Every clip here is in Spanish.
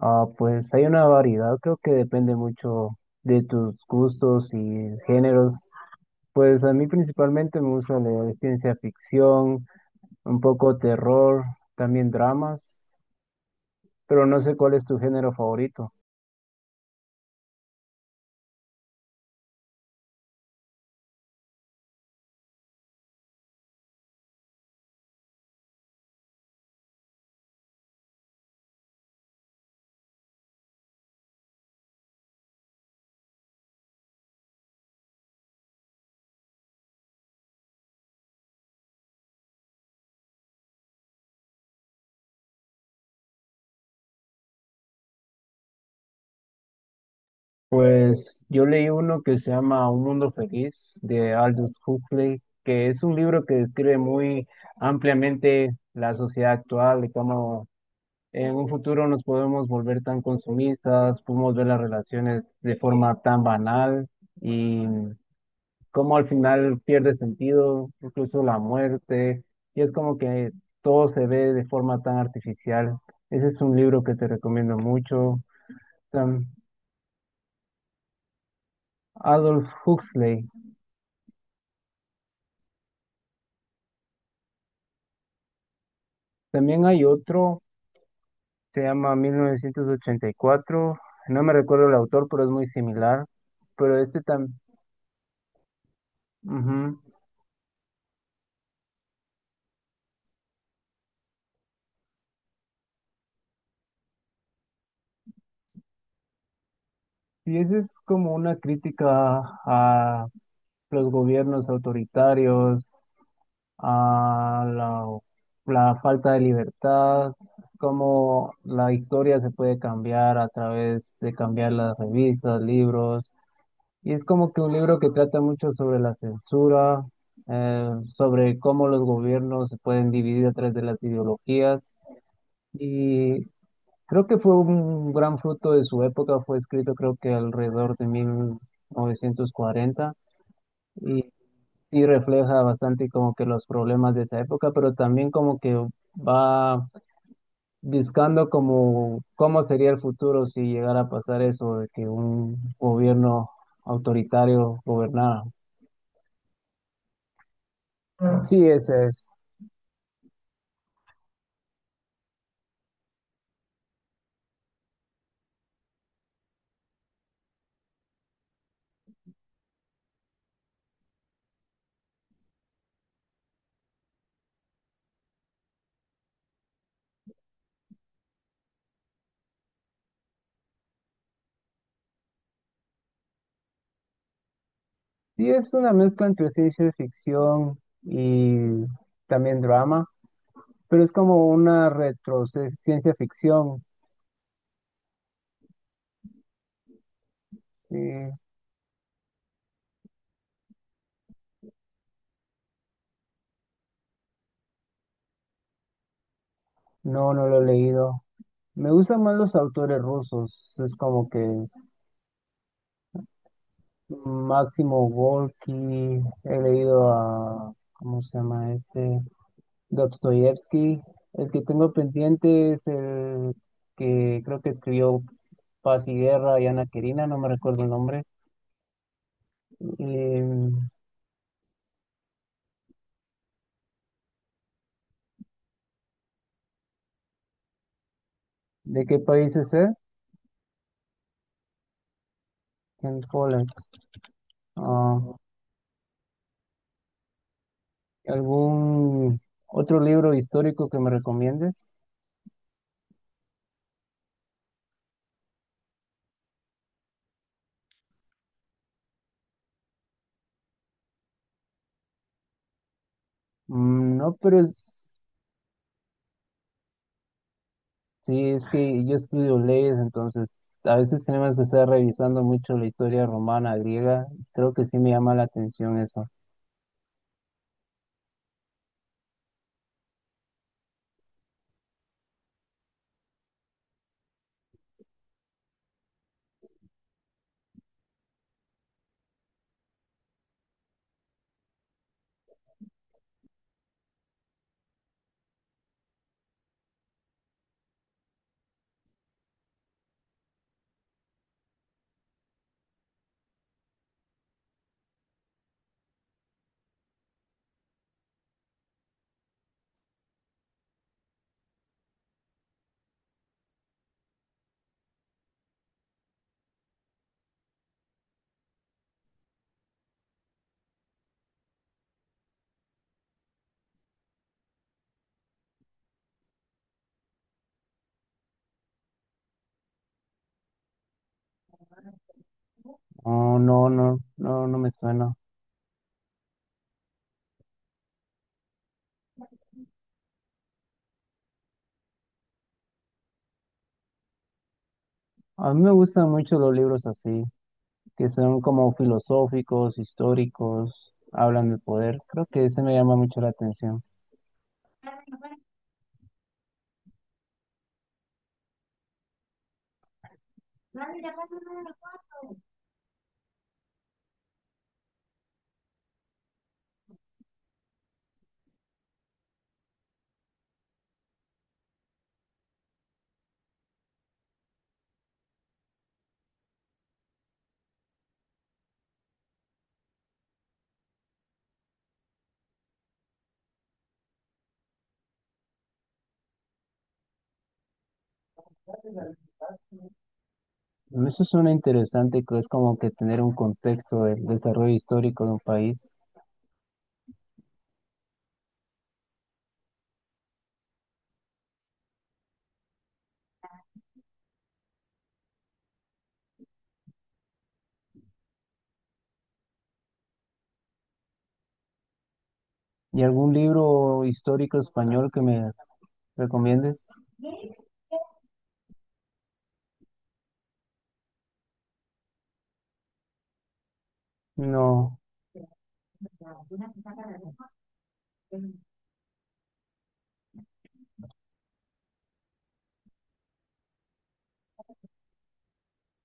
Ah, pues hay una variedad. Creo que depende mucho de tus gustos y géneros. Pues a mí principalmente me gusta leer ciencia ficción, un poco terror, también dramas, pero no sé cuál es tu género favorito. Pues yo leí uno que se llama Un Mundo Feliz de Aldous Huxley, que es un libro que describe muy ampliamente la sociedad actual y cómo en un futuro nos podemos volver tan consumistas, podemos ver las relaciones de forma tan banal y cómo al final pierde sentido, incluso la muerte, y es como que todo se ve de forma tan artificial. Ese es un libro que te recomiendo mucho. Tam- Adolf Huxley. También hay otro, se llama 1984, no me recuerdo el autor, pero es muy similar, pero este también... Y esa es como una crítica a los gobiernos autoritarios, a la falta de libertad, cómo la historia se puede cambiar a través de cambiar las revistas, libros. Y es como que un libro que trata mucho sobre la censura, eh, sobre cómo los gobiernos se pueden dividir a través de las ideologías. Y creo que fue un gran fruto de su época, fue escrito creo que alrededor de 1940 y sí refleja bastante como que los problemas de esa época, pero también como que va buscando como cómo sería el futuro si llegara a pasar eso de que un gobierno autoritario gobernara. Sí, esa es. Sí, es una mezcla entre ciencia ficción y también drama, pero es como una retro ciencia ficción. Sí, no, no lo he leído. Me gustan más los autores rusos. Es como que Máximo Gorki, he leído a, ¿cómo se llama este? Dostoyevsky. El que tengo pendiente es el que creo que escribió Paz y Guerra y Ana Karenina, no me recuerdo el nombre. Em, ¿De qué país es él? En Poland. Ah, ¿algún otro libro histórico que me recomiendes? Mm, no, pero es- Sí, es que yo estudio leyes, entonces a veces tenemos que estar revisando mucho la historia romana, griega. Creo que sí me llama la atención eso. No, no, no, no, no me suena. A mí me gustan mucho los libros así, que son como filosóficos, históricos, hablan del poder. Creo que ese me llama mucho la atención. Eso suena interesante, que es como que tener un contexto del desarrollo histórico de un país. ¿Y algún libro histórico español que me recomiendes? No,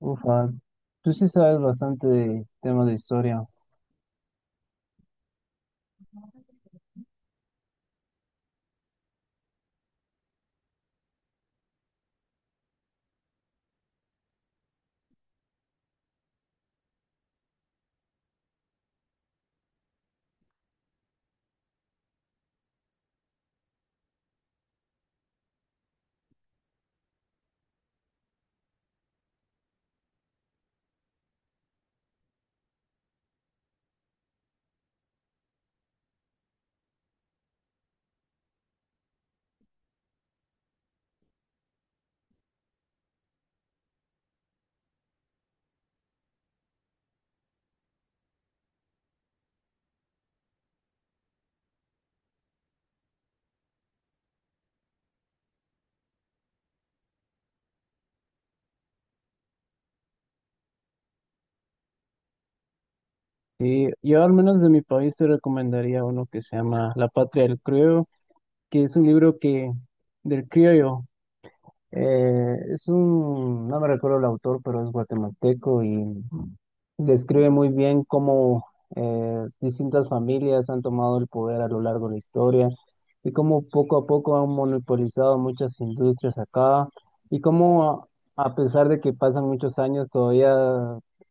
ufa, tú sí sabes bastante de temas de historia. Y yo al menos de mi país te recomendaría uno que se llama La Patria del Criollo, que es un libro que del criollo, es un, no me recuerdo el autor, pero es guatemalteco y describe muy bien cómo distintas familias han tomado el poder a lo largo de la historia y cómo poco a poco han monopolizado muchas industrias acá y cómo a pesar de que pasan muchos años todavía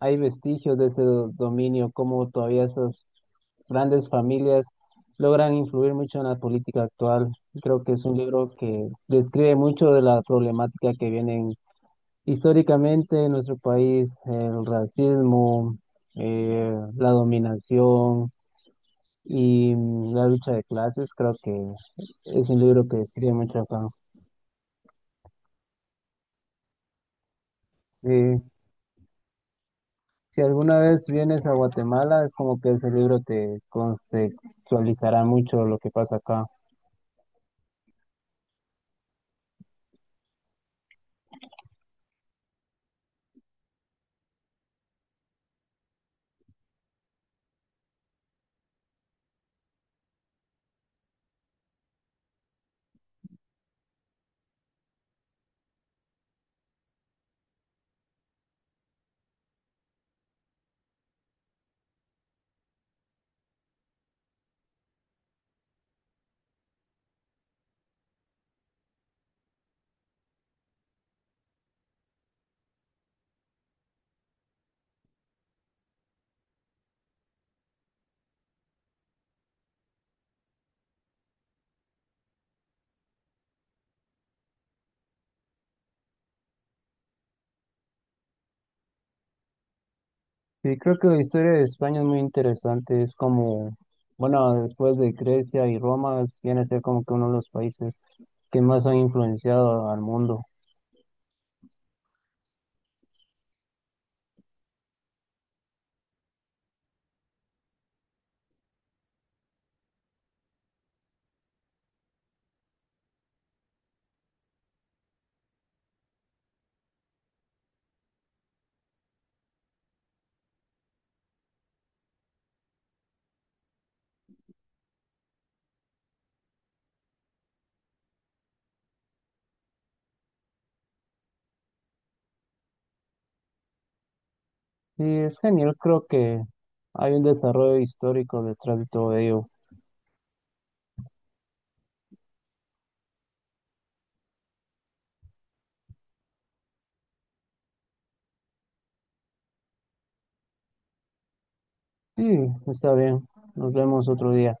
hay vestigios de ese dominio, cómo todavía esas grandes familias logran influir mucho en la política actual. Creo que es un libro que describe mucho de la problemática que vienen históricamente en nuestro país, el racismo, la dominación y mm, la lucha de clases. Creo que es un libro que describe mucho acá. Eh, si alguna vez vienes a Guatemala, es como que ese libro te contextualizará mucho lo que pasa acá. Sí, creo que la historia de España es muy interesante. Es como, bueno, después de Grecia y Roma, es- viene a ser como que uno de los países que más han influenciado al mundo. Y es genial, creo que hay un desarrollo histórico detrás de todo ello. Sí, está bien. Nos vemos otro día.